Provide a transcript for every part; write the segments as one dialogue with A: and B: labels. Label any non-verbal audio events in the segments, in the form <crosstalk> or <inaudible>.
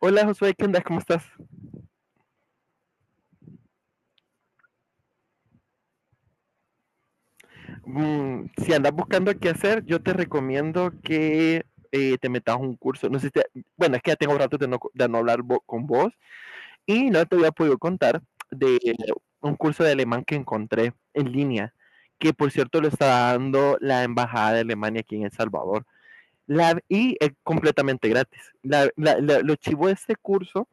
A: Hola Josué, ¿qué andas? ¿Cómo estás? Mm, si andas buscando qué hacer, yo te recomiendo que te metas a un curso. No sé si te- Bueno, es que ya tengo rato de no, co- de no hablar vo- con vos y no te había podido contar de un curso de alemán que encontré en línea, que por cierto lo está dando la Embajada de Alemania aquí en El Salvador. La, y es completamente gratis. La- la- la- lo chivo de este curso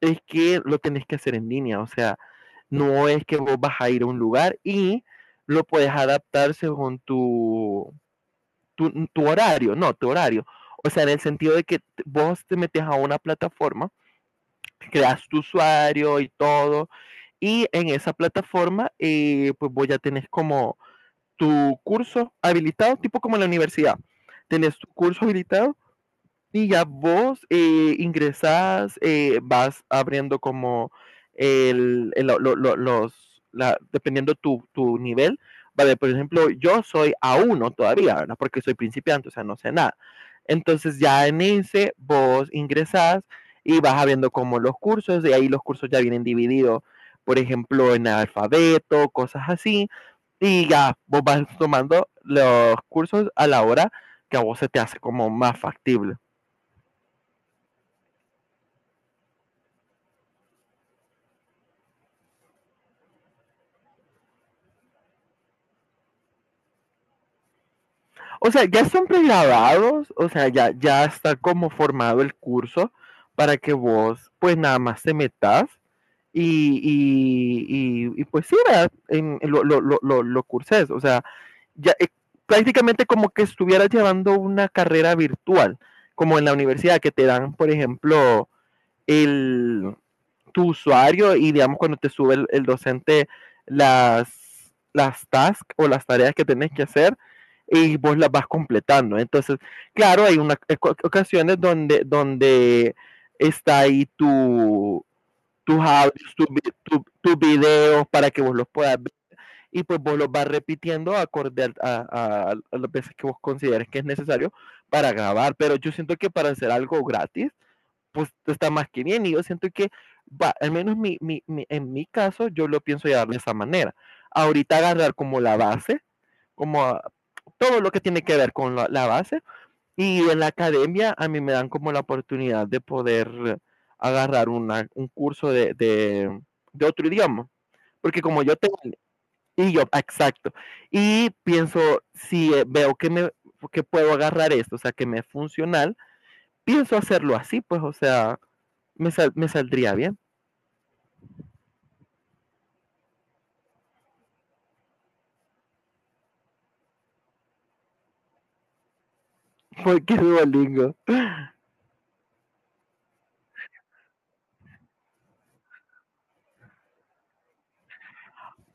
A: es que lo tenés que hacer en línea, o sea, no es que vos vas a ir a un lugar y lo puedes adaptar según tu horario, no, tu horario. O sea, en el sentido de que vos te metes a una plataforma, creas tu usuario y todo, y en esa plataforma, pues vos ya tenés como tu curso habilitado, tipo como en la universidad. Tenés tu curso habilitado y ya vos ingresás, vas abriendo como el- lo- los, la- dependiendo tu, tu nivel. Vale, por ejemplo, yo soy a uno todavía, ¿verdad? Porque soy principiante, o sea, no sé nada. Entonces ya en ese vos ingresás y vas abriendo como los cursos, y ahí los cursos ya vienen divididos, por ejemplo, en alfabeto, cosas así. Y ya vos vas tomando los cursos a la hora que a vos se te hace como más factible. O sea, ya están pregrabados, o sea, ya está como formado el curso para que vos, pues nada más te metas y, y, y pues sí, ¿verdad? En- lo, curses, o sea, ya prácticamente como que estuvieras llevando una carrera virtual, como en la universidad que te dan, por ejemplo, el, tu usuario y digamos cuando te sube el, docente las, tasks o las tareas que tenés que hacer y vos las vas completando. Entonces, claro, hay unas ocasiones donde, está ahí tu, tus audios, tus tu, tu videos para que vos los puedas ver y pues vos los vas repitiendo acorde a, las veces que vos consideres que es necesario para grabar. Pero yo siento que para hacer algo gratis, pues está más que bien. Y yo siento que, va, al menos mi, mi- mi- en mi caso, yo lo pienso llevar de esa manera. Ahorita agarrar como la base, como a- todo lo que tiene que ver con la, base. Y en la academia a mí me dan como la oportunidad de poder agarrar una, un curso de, otro idioma. Porque como yo tengo, y yo, exacto. Y pienso, si veo que me que puedo agarrar esto, o sea, que me es funcional, pienso hacerlo así, pues, o sea, me, sal- me saldría bien. Porque Duolingo.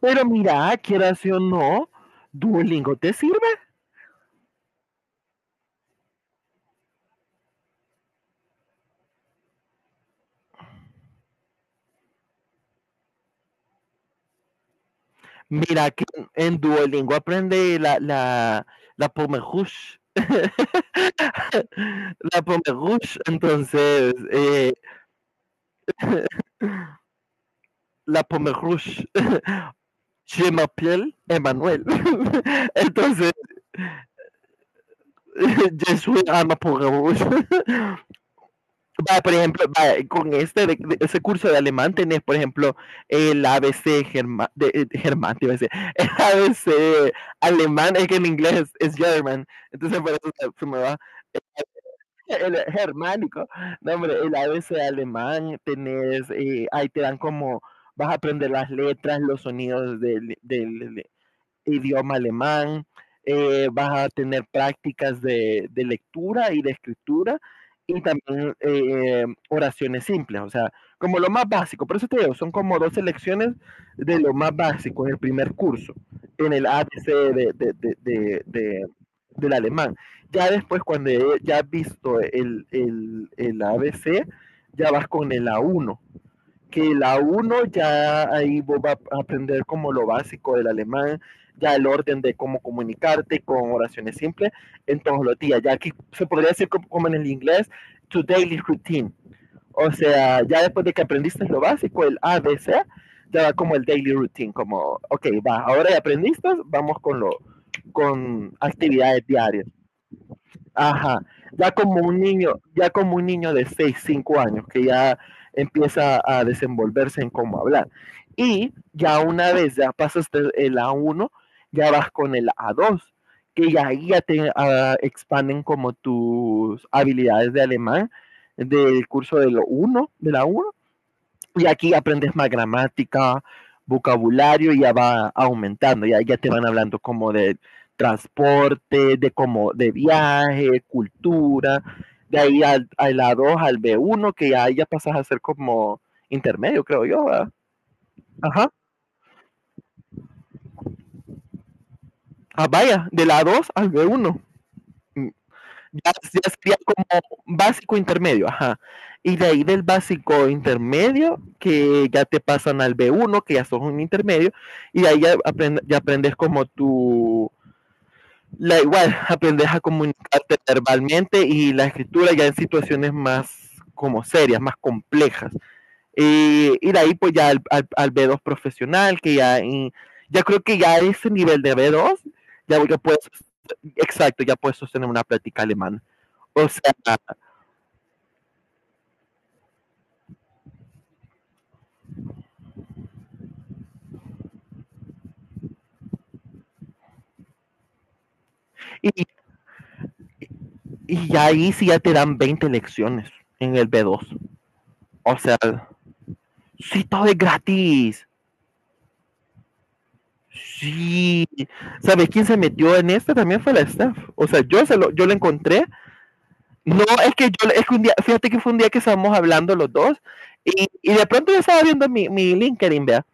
A: Pero mira, quieras sí o no, Duolingo te sirve. Mira que en Duolingo aprende la Pomerrush. <laughs> La Pomerrush, entonces, la Pomerrush. Je m'appelle Emmanuel. <laughs> Entonces, je suis una Pomerrush. <laughs> Vaya, por ejemplo, vaya, con este de- ese curso de alemán tenés, por ejemplo, el ABC germa- de, germán, te iba a decir, <laughs> el ABC alemán, es que en inglés es German, entonces por eso se, me va el germánico. No, hombre, el ABC alemán tenés, ahí te dan como, vas a aprender las letras, los sonidos del, idioma alemán, vas a tener prácticas de, lectura y de escritura y también oraciones simples, o sea, como lo más básico. Por eso te digo, son como dos lecciones de lo más básico en el primer curso, en el a ABC de- del alemán. Ya después, cuando ya has visto el a ABC, ya vas con el A1 que la uno ya ahí vos vas a aprender como lo básico del alemán, ya el orden de cómo comunicarte con oraciones simples en todos los días. Ya aquí se podría decir como, en el inglés, tu daily routine. O sea, ya después de que aprendiste lo básico, el ABC, ya va como el daily routine, como, ok, va, ahora ya aprendiste, vamos con, lo, con actividades diarias. Ajá, ya como un niño, ya como un niño de 6 5 años que ya empieza a desenvolverse en cómo hablar. Y ya una vez ya pasaste el a uno, ya vas con el a dos, que ya ahí ya te ah, expanden como tus habilidades de alemán del curso de lo 1, de la uno. Y aquí aprendes más gramática, vocabulario, y ya va aumentando, ya te van hablando como de transporte, de como de viaje, cultura. De ahí al, a la 2 al b uno que ya, pasas a ser como intermedio, creo yo. ¿Verdad? Ajá. Ah, vaya, de la 2 al b uno. Ya, ya sería como básico intermedio, ajá. Y de ahí del básico intermedio, que ya te pasan al b uno que ya sos un intermedio, y de ahí ya, aprend- ya aprendes como tu... La, igual, <laughs> aprendes a comunicarte verbalmente y la escritura ya en situaciones más como serias, más complejas. Y de ahí pues ya al, al- al b dos profesional, que ya, y- ya creo que ya ese nivel de b dos ya puedes, exacto, ya puedes sostener una plática alemana. O sea, Y, y ahí sí ya te dan 20 lecciones en el B2. O sea, sí, todo es gratis. Sí. ¿Sabes quién se metió en este? También fue la Steph. O sea, yo se lo, yo lo encontré. No, es que yo, es que un día, fíjate que fue un día que estábamos hablando los dos de pronto yo estaba viendo mi, LinkedIn, vea.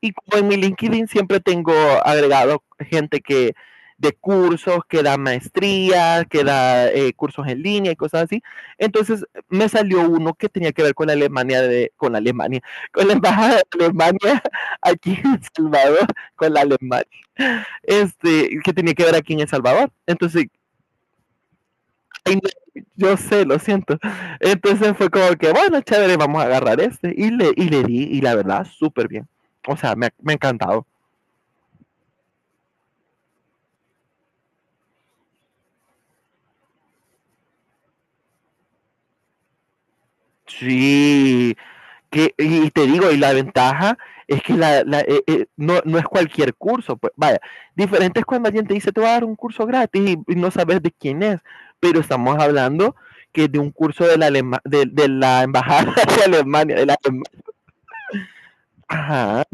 A: Y como en mi LinkedIn siempre tengo agregado gente que de cursos, que da maestría, que da cursos en línea y cosas así. Entonces me salió uno que tenía que ver con la Alemania, de, con la Alemania, <laughs> con la Embajada de Alemania aquí en El Salvador, con la Alemania, este, que tenía que ver aquí en El Salvador. Entonces, ay, no, yo sé, lo siento. Entonces fue como que, bueno, chévere, vamos a agarrar este. Y le di, y la verdad, súper bien. O sea, me ha encantado. Sí, que, y te digo, y la ventaja es que la- no, no es cualquier curso, pues vaya, diferente es cuando alguien te dice, te voy a dar un curso gratis no sabes de quién es, pero estamos hablando que de un curso de la, Alema- de la Embajada <laughs> de Alemania, de la Alem- Ajá,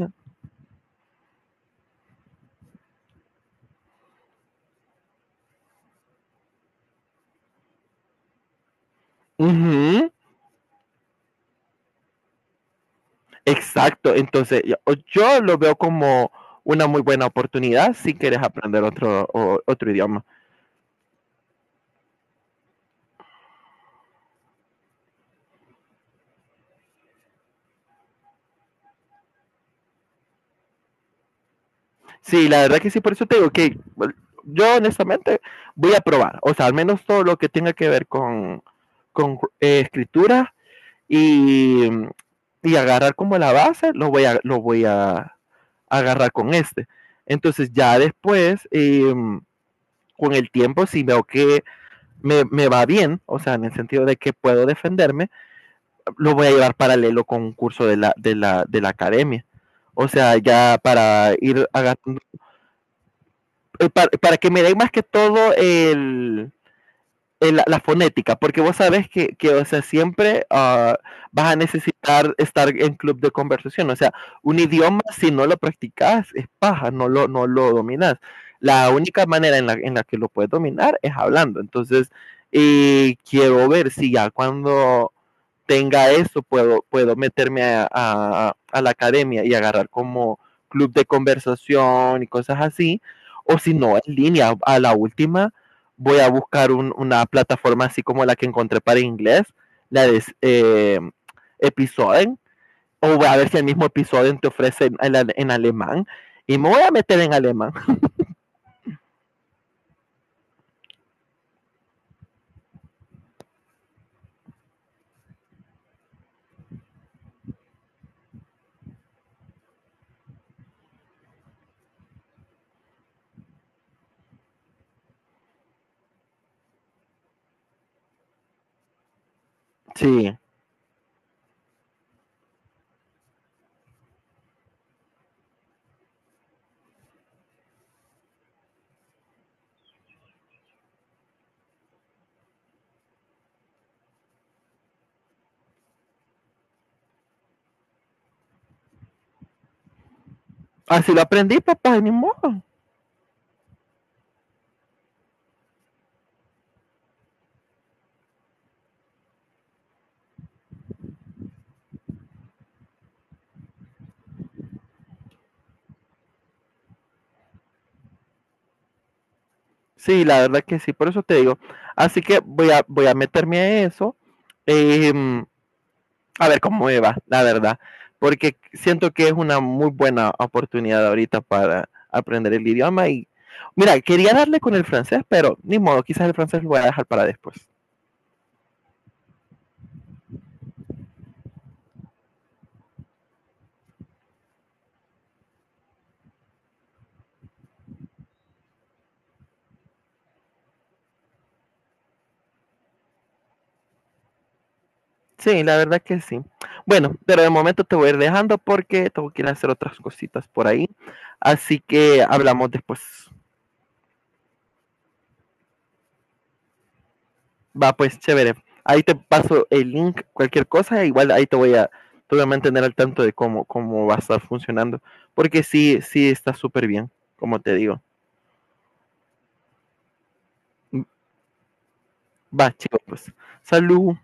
A: ujú, exacto, entonces yo, lo veo como una muy buena oportunidad si quieres aprender otro, o- otro idioma. Sí, la verdad que sí, por eso te digo que bueno, yo honestamente voy a probar, o sea, al menos todo lo que tenga que ver con escritura y, agarrar como la base, lo voy a agarrar con este. Entonces ya después, con el tiempo, si veo que me, va bien, o sea, en el sentido de que puedo defenderme, lo voy a llevar paralelo con un curso de la, de la academia. O sea, ya para ir agarrando para, que me den más que todo el- la, fonética, porque vos sabes que, o sea, siempre vas a necesitar estar en club de conversación, o sea, un idioma si no lo practicas es paja, no lo, dominas. La única manera en la, que lo puedes dominar es hablando, entonces, y quiero ver si ya cuando tenga eso, puedo, meterme a, la academia y agarrar como club de conversación y cosas así, o si no, en línea, a la última voy a buscar un- una plataforma así como la que encontré para inglés, la de Episoden, o voy a ver si el mismo Episoden te ofrece en alemán, y me voy a meter en alemán. Sí, así lo aprendí, papá, y ni modo. Sí, la verdad que sí, por eso te digo. Así que voy a, voy a meterme a eso, em, a ver cómo me va, la verdad, porque siento que es una muy buena oportunidad ahorita para aprender el idioma y mira, quería darle con el francés, pero ni modo, quizás el francés lo voy a dejar para después. Sí, la verdad que sí. Bueno, pero de momento te voy a ir dejando porque tengo que ir a hacer otras cositas por ahí, así que hablamos después. Va, pues chévere. Ahí te paso el link, cualquier cosa, igual ahí te voy a mantener al tanto de cómo, cómo va a estar funcionando, porque sí, sí está súper bien, como te digo. Va, chicos, pues. Salud.